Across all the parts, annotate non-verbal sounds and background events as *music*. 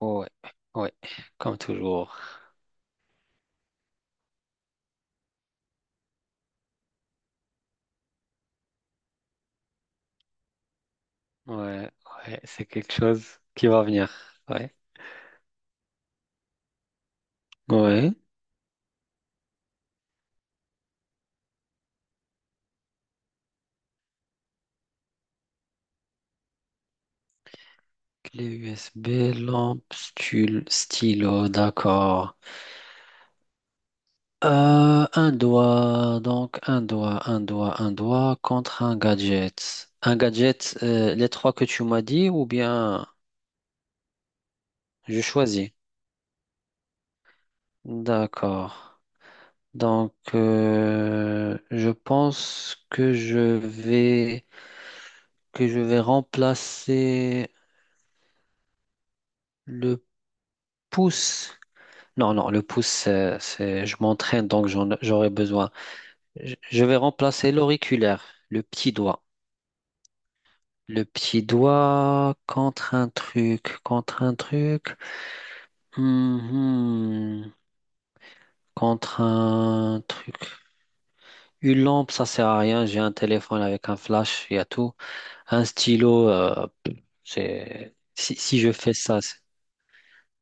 Ouais, ouais, comme toujours. Ouais, ouais, c'est quelque chose qui va venir. Ouais. Ouais. Clé USB, lampe, stylo, d'accord. Un doigt, donc un doigt contre un gadget. Un gadget, les trois que tu m'as dit ou bien je choisis? D'accord. Donc, je pense que je vais remplacer le pouce. Non, non, le pouce, je m'entraîne, donc j'aurai besoin. Je vais remplacer l'auriculaire, le petit doigt. Le petit doigt contre un truc, contre un truc. Mhm. Contre un truc. Une lampe, ça sert à rien. J'ai un téléphone avec un flash, il y a tout. Un stylo. Euh, c'est... Si, si je fais ça, c'est-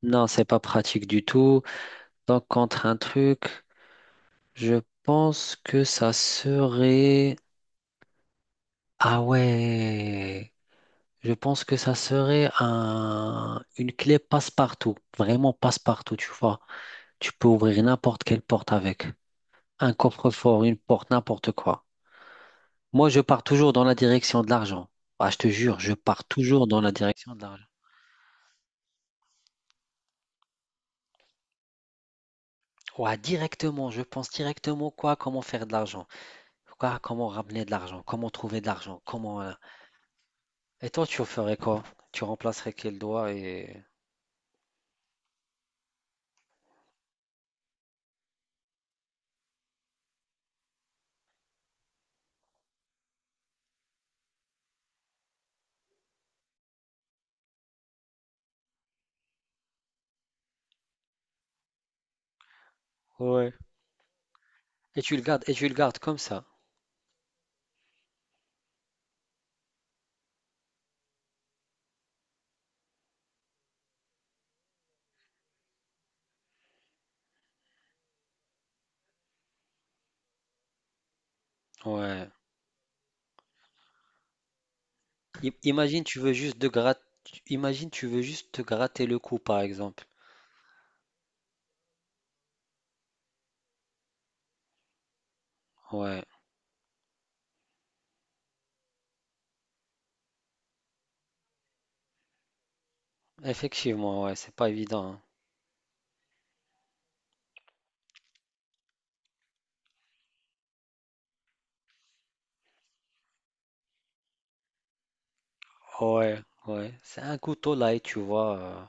non, c'est pas pratique du tout. Donc, contre un truc. Je pense que ça serait. Ah ouais. Je pense que ça serait une clé passe-partout. Vraiment passe-partout, tu vois. Tu peux ouvrir n'importe quelle porte avec. Un coffre-fort, une porte, n'importe quoi. Moi, je pars toujours dans la direction de l'argent. Ah, je te jure, je pars toujours dans la direction de l'argent. Ouais, directement. Je pense directement quoi, comment faire de l'argent. Quoi, comment ramener de l'argent. Comment trouver de l'argent. Et toi, tu ferais quoi? Tu remplacerais quel doigt Ouais. Et tu le gardes comme ça. Ouais. I- imagine tu veux juste de grat- imagine tu veux juste te gratter le cou par exemple. Ouais. Effectivement, ouais, c'est pas évident. Hein. Ouais, ouais. C'est un couteau là et tu vois. euh,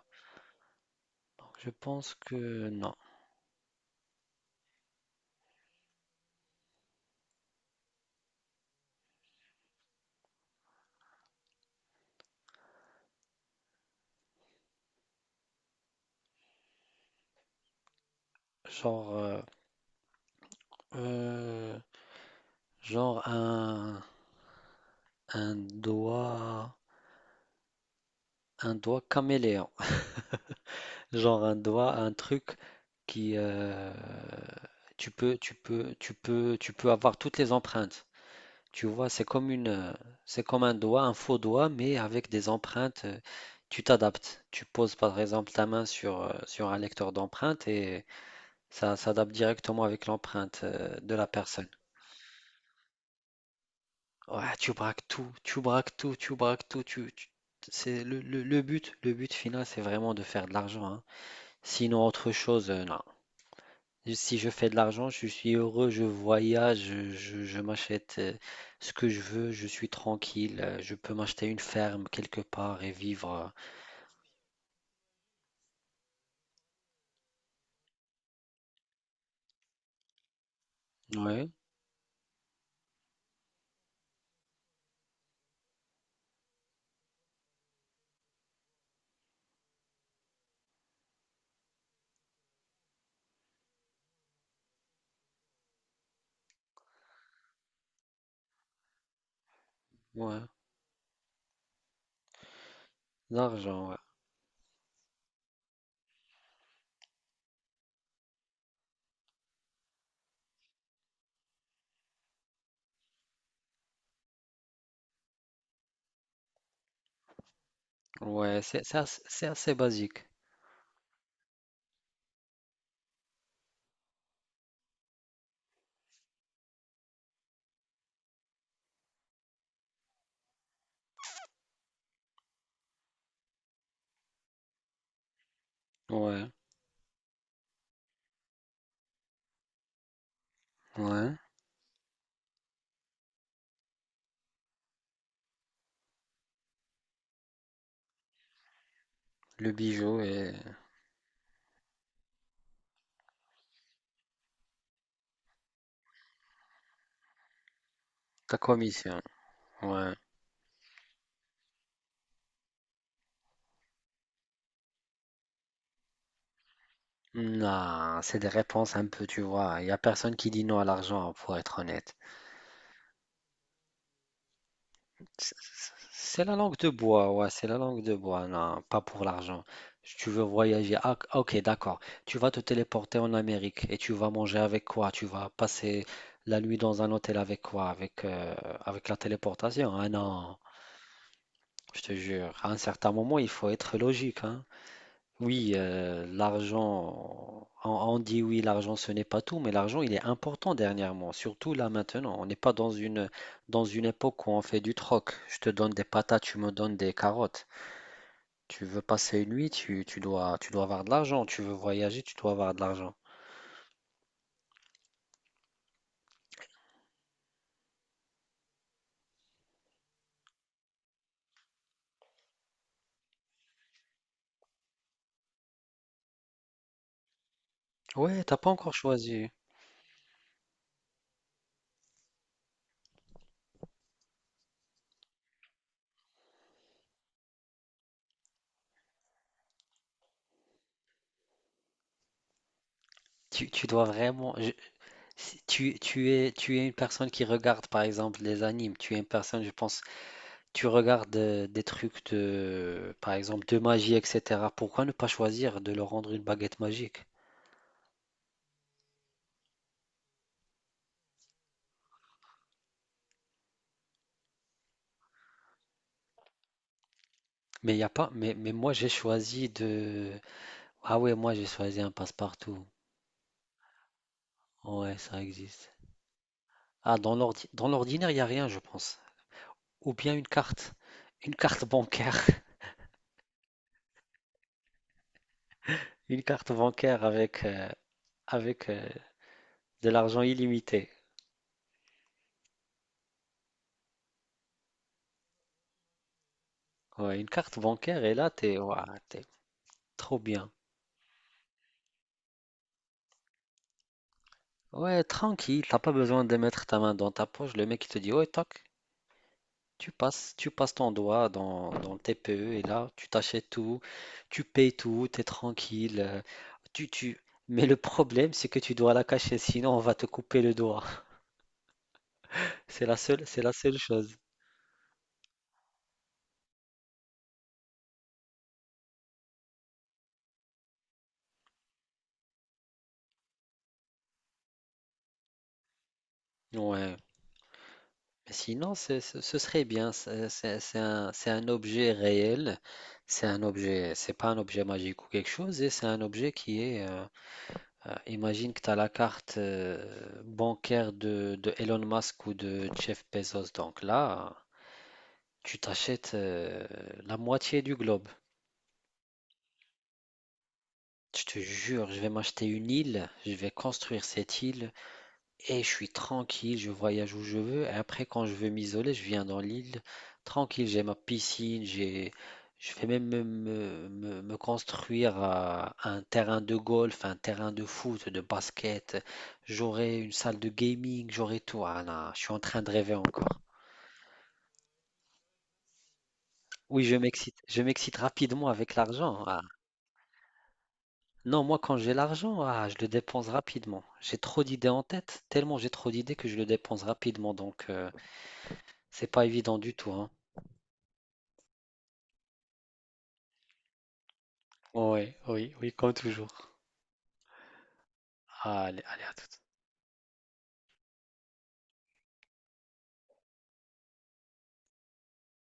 donc je pense que non. Genre euh, genre un un doigt caméléon. *laughs* Genre un doigt, un truc qui tu peux avoir toutes les empreintes. Tu vois, c'est comme un doigt, un faux doigt, mais avec des empreintes. Tu t'adaptes. Tu poses par exemple ta main sur un lecteur d'empreintes et ça s'adapte directement avec l'empreinte de la personne. Ouais, tu braques tout, tu braques tout, tu braques tout. C'est le but final, c'est vraiment de faire de l'argent. Hein. Sinon, autre chose, non. Si je fais de l'argent, je suis heureux, je voyage, je m'achète ce que je veux, je suis tranquille, je peux m'acheter une ferme quelque part et vivre. Ouais, ouais, l'argent, ouais. Ouais, c'est assez basique. Ouais, ouais, le bijou et ta commission. Ouais. Non, c'est des réponses un peu, tu vois. Il n'y a personne qui dit non à l'argent, pour être honnête. C'est c'est la langue de bois, ouais, c'est la langue de bois, non, pas pour l'argent. Si tu veux voyager, ah, ok, d'accord. Tu vas te téléporter en Amérique et tu vas manger avec quoi? Tu vas passer la nuit dans un hôtel avec quoi? Avec la téléportation? Ah non, je te jure, à un certain moment, il faut être logique, hein. Oui, l'argent, on dit oui, l'argent ce n'est pas tout, mais l'argent il est important dernièrement, surtout là maintenant. On n'est pas dans une époque où on fait du troc. Je te donne des patates, tu me donnes des carottes. Tu veux passer une nuit, tu dois avoir de l'argent. Tu veux voyager, tu dois avoir de l'argent. Ouais, t'as pas encore choisi. Tu dois vraiment. Si tu es une personne qui regarde par exemple les animes. Tu es une personne, je pense, tu regardes des trucs de, par exemple, de magie, etc. Pourquoi ne pas choisir de leur rendre une baguette magique? Mais il y a pas. Mais moi, j'ai choisi de. Ah ouais, moi, j'ai choisi un passe-partout. Ouais, ça existe. Ah, dans l'ordinaire, il n'y a rien, je pense. Ou bien une carte. Une carte bancaire. *laughs* Une carte bancaire avec de l'argent illimité. Ouais, une carte bancaire, et là, t'es ouah, t'es trop bien. Ouais, tranquille, t'as pas besoin de mettre ta main dans ta poche. Le mec, il te dit, ouais, toc. Tu passes ton doigt dans le TPE et là, tu t'achètes tout, tu payes tout, tu es tranquille. Tu, tu... Mais le problème, c'est que tu dois la cacher, sinon on va te couper le doigt. *laughs* C'est la seule chose. Ouais. Mais sinon, ce serait bien. C'est un objet réel. C'est un objet, c'est pas un objet magique ou quelque chose, et c'est un objet qui est. Imagine que tu as la carte bancaire de Elon Musk ou de Jeff Bezos. Donc là. Tu t'achètes la moitié du globe. Je te jure, je vais m'acheter une île, je vais construire cette île et je suis tranquille, je voyage où je veux. Et après, quand je veux m'isoler, je viens dans l'île, tranquille, j'ai ma piscine, je vais même me construire un terrain de golf, un terrain de foot, de basket. J'aurai une salle de gaming, j'aurai tout. Ah non, je suis en train de rêver encore. Oui, je m'excite rapidement avec l'argent. Ah, non, moi quand j'ai l'argent, ah, je le dépense rapidement. J'ai trop d'idées en tête, tellement j'ai trop d'idées que je le dépense rapidement, donc c'est pas évident du tout, hein. Ouais, oui, oui, comme toujours. Allez, allez, à tout.